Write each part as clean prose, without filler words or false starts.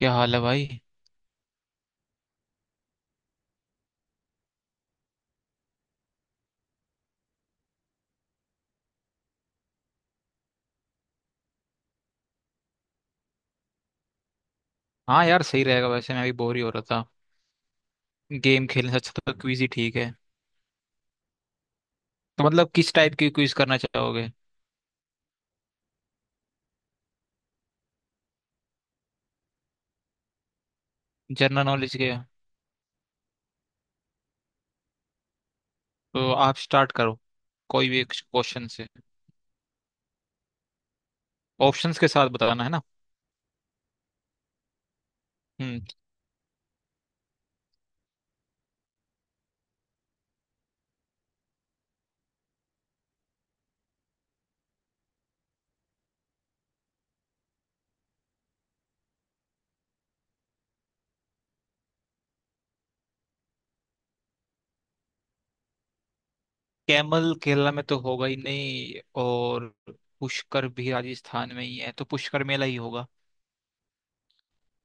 क्या हाल है भाई। हाँ यार सही रहेगा। वैसे मैं भी बोर ही हो रहा था। गेम खेलने से अच्छा तो क्विज ही ठीक है। तो मतलब किस टाइप की क्विज करना चाहोगे। जनरल नॉलेज के। तो आप स्टार्ट करो। कोई भी एक क्वेश्चन से। ऑप्शंस के साथ बताना है ना। हम्म। कैमल केरला में तो होगा ही नहीं और पुष्कर भी राजस्थान में ही है तो पुष्कर मेला ही होगा।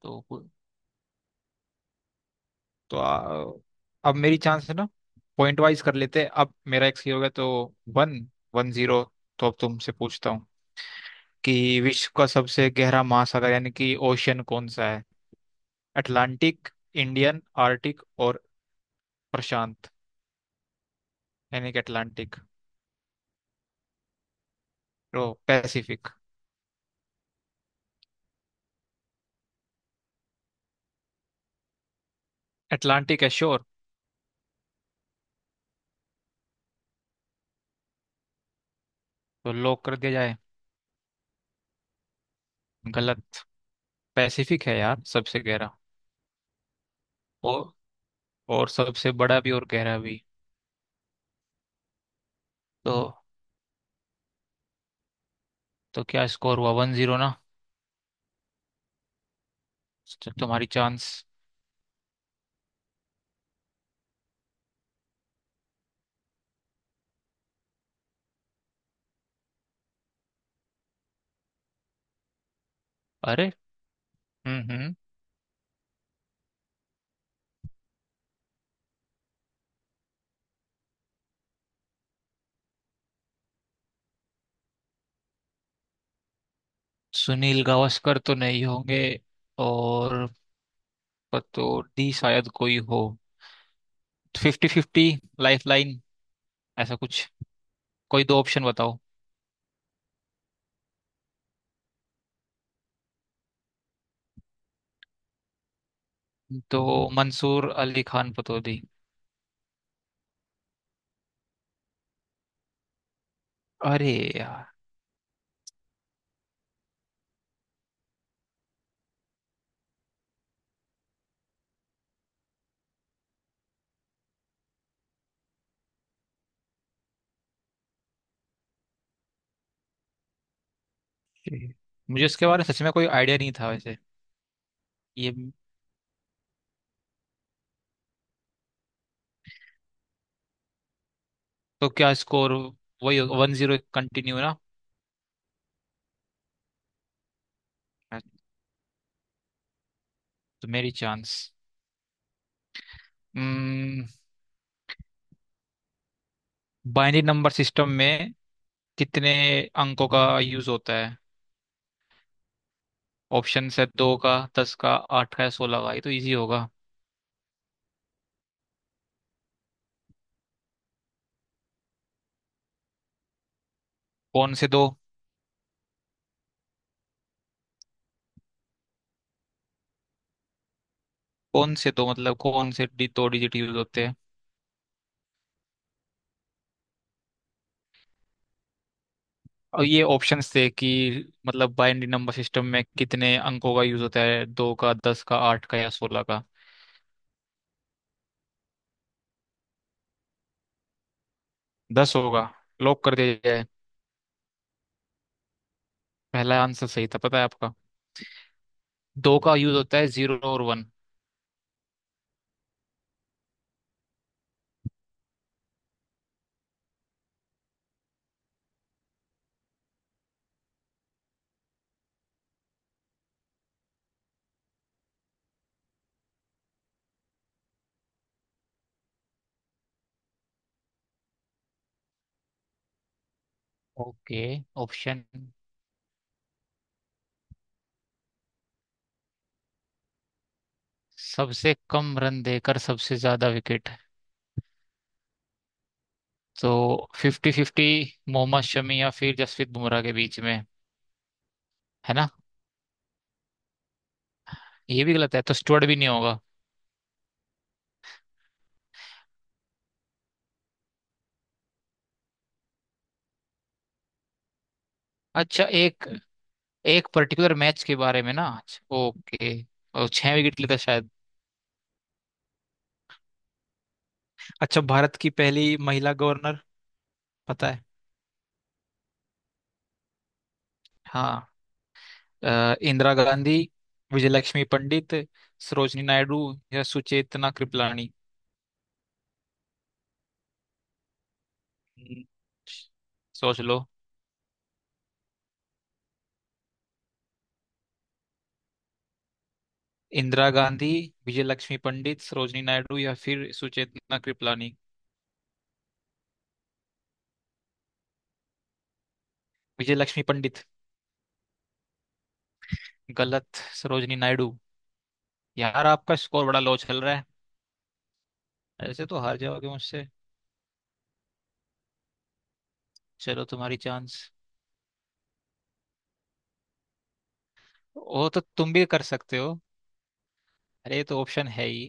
तो तो अब मेरी चांस है ना। पॉइंट वाइज कर लेते हैं। अब मेरा एक सही हो गया। तो वन, वन जीरो। तो अब तुमसे पूछता हूँ कि विश्व का सबसे गहरा महासागर यानी कि ओशियन कौन सा है। अटलांटिक, इंडियन, आर्टिक और प्रशांत। यानी कि अटलांटिक, ओ, पैसिफिक। अटलांटिक है श्योर। तो लॉक कर दिया जाए। गलत। पैसिफिक है यार सबसे गहरा। और और सबसे बड़ा भी और गहरा भी। तो तो क्या स्कोर हुआ, वन जीरो ना। तो तुम्हारी चांस। अरे। हम्म, हम्म। सुनील गावस्कर तो नहीं होंगे। और पर तो डी शायद कोई हो। फिफ्टी फिफ्टी, लाइफ लाइन, ऐसा कुछ। कोई दो ऑप्शन बताओ। तो मंसूर अली खान पतौदी। अरे यार। ये- मुझे इसके बारे में सच में कोई आइडिया नहीं था वैसे। ये तो क्या स्कोर, वही वन जीरो कंटिन्यू ना। तो मेरी चांस। हम्म, बाइनरी नंबर सिस्टम में कितने अंकों का यूज होता है। ऑप्शन है दो का, दस का, आठ का या सोलह का। ये तो इजी होगा। कौन से दो। कौन से दो मतलब कौन से दो डिजिट यूज होते हैं। और ये ऑप्शंस थे कि मतलब बाइनरी नंबर सिस्टम में कितने अंकों का यूज होता है, दो का, दस का, आठ का या सोलह का। दस होगा। लॉक कर दिया जाए। पहला आंसर सही था पता है आपका। दो का यूज होता है, जीरो और वन। ओके। ऑप्शन। सबसे कम रन देकर सबसे ज्यादा विकेट। तो फिफ्टी फिफ्टी, मोहम्मद शमी या फिर जसप्रीत बुमराह के बीच में है ना। ये भी गलत है तो स्टुअर्ट भी नहीं होगा। अच्छा एक एक पर्टिकुलर मैच के बारे में ना। अच्छा, ओके। और छह विकेट लेता शायद। अच्छा भारत की पहली महिला गवर्नर पता है। हाँ। इंदिरा गांधी, विजयलक्ष्मी पंडित, सरोजनी नायडू या सुचेतना कृपलानी। हम्म, सोच लो। इंदिरा गांधी, विजयलक्ष्मी पंडित, सरोजनी नायडू या फिर सुचेतना कृपलानी। विजयलक्ष्मी पंडित। गलत, सरोजनी नायडू। यार आपका स्कोर बड़ा लो चल रहा है। ऐसे तो हार जाओगे मुझसे। चलो तुम्हारी चांस। ओ तो तुम भी कर सकते हो। अरे ये तो ऑप्शन है ही।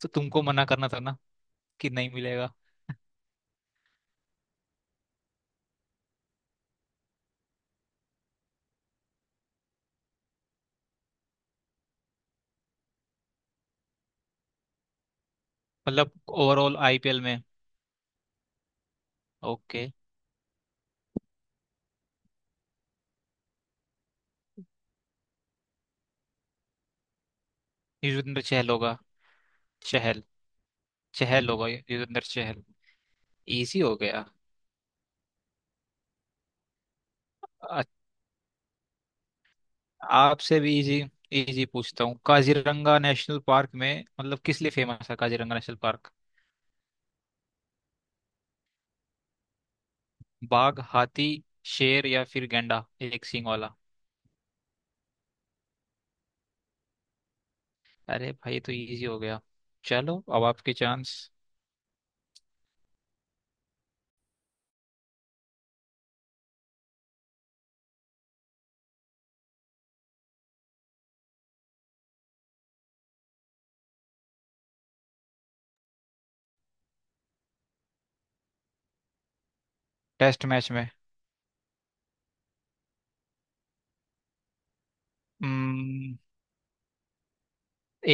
तो तुमको मना करना था ना कि नहीं मिलेगा। मतलब ओवरऑल आईपीएल में। ओके। युजवेंद्र चहल होगा। चहल। चहल होगा, युजवेंद्र चहल। इजी हो गया। अ- आपसे भी इजी। इजी पूछता हूँ, काजीरंगा नेशनल पार्क में मतलब किस लिए फेमस है, काजीरंगा नेशनल पार्क। बाघ, हाथी, शेर या फिर गैंडा एक सींग वाला। अरे भाई ये तो इजी हो गया। चलो अब आपके चांस। टेस्ट मैच में। हम्म,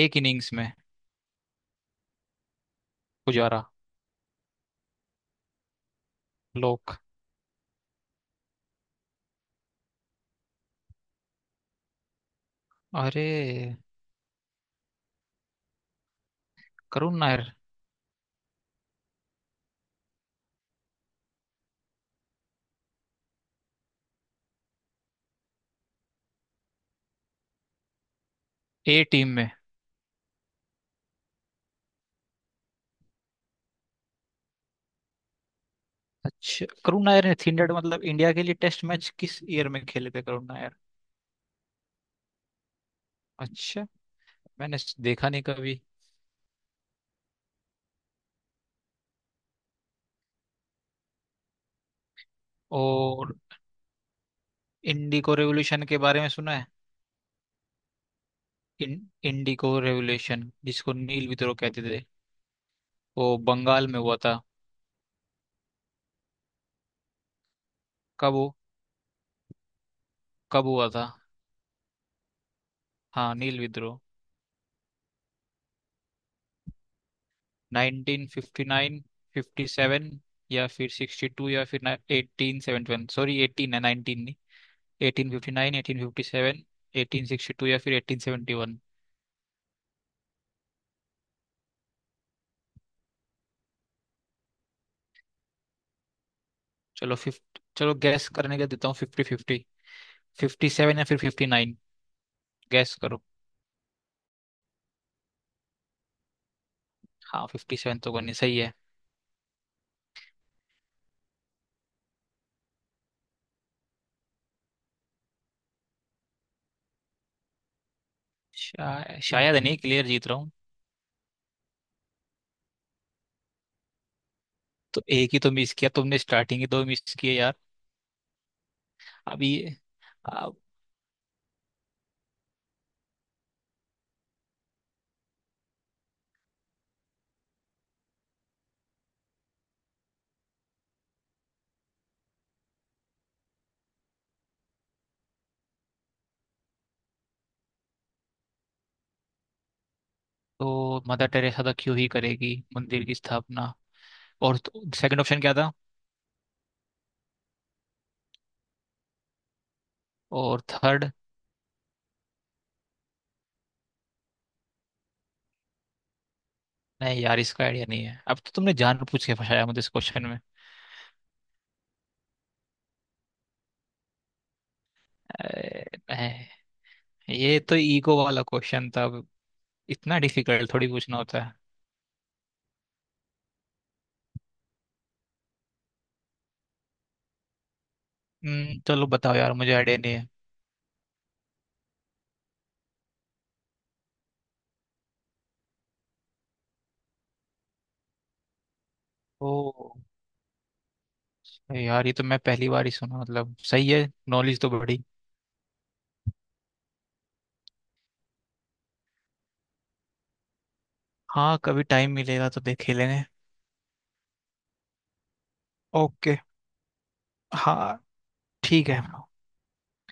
एक इनिंग्स में। पुजारा। लोक। अरे करुण नायर। ए टीम में। अच्छा करुण नायर ने थीन डेड मतलब इंडिया के लिए टेस्ट मैच किस ईयर में खेले थे करुण नायर। अच्छा। मैंने देखा नहीं कभी। और इंडी को रेवोल्यूशन के बारे में सुना है। इन इंडी को रेवोल्यूशन जिसको नील विद्रोह कहते थे। वो बंगाल में हुआ था। कब हु- कब हुआ था। हाँ नील विद्रोह। 1959, 57 या फिर 62 या फिर 1871। सॉरी 18 है, 19 नहीं। 1859, 1857, 1862 या फिर 1871। चलो फिफ्ट चलो गैस करने का देता हूँ, फिफ्टी फिफ्टी। फिफ्टी सेवन या फिर फिफ्टी नाइन। गैस करो। हाँ फिफ्टी सेवन तो करनी सही है। शायद नहीं, क्लियर जीत रहा हूँ। तो एक ही तो मिस किया, तुमने स्टार्टिंग ही दो मिस किए यार। अभी। अब। तो मदर टेरेसा तो क्यों ही करेगी मंदिर की स्थापना। और सेकंड ऑप्शन क्या था। और थर्ड। नहीं यार इसका आइडिया नहीं है, अब तो तुमने जानबूझ के फंसाया मुझे इस क्वेश्चन में। अरे, नहीं, ये तो ईगो वाला क्वेश्चन था अब। इतना डिफिकल्ट थोड़ी पूछना होता। चलो बताओ यार मुझे आइडिया नहीं है। ओ। यार ये तो मैं पहली बार ही सुना, मतलब सही है, नॉलेज तो बड़ी। हाँ कभी टाइम मिलेगा तो देख ही लेंगे। ओके। हाँ ठीक है।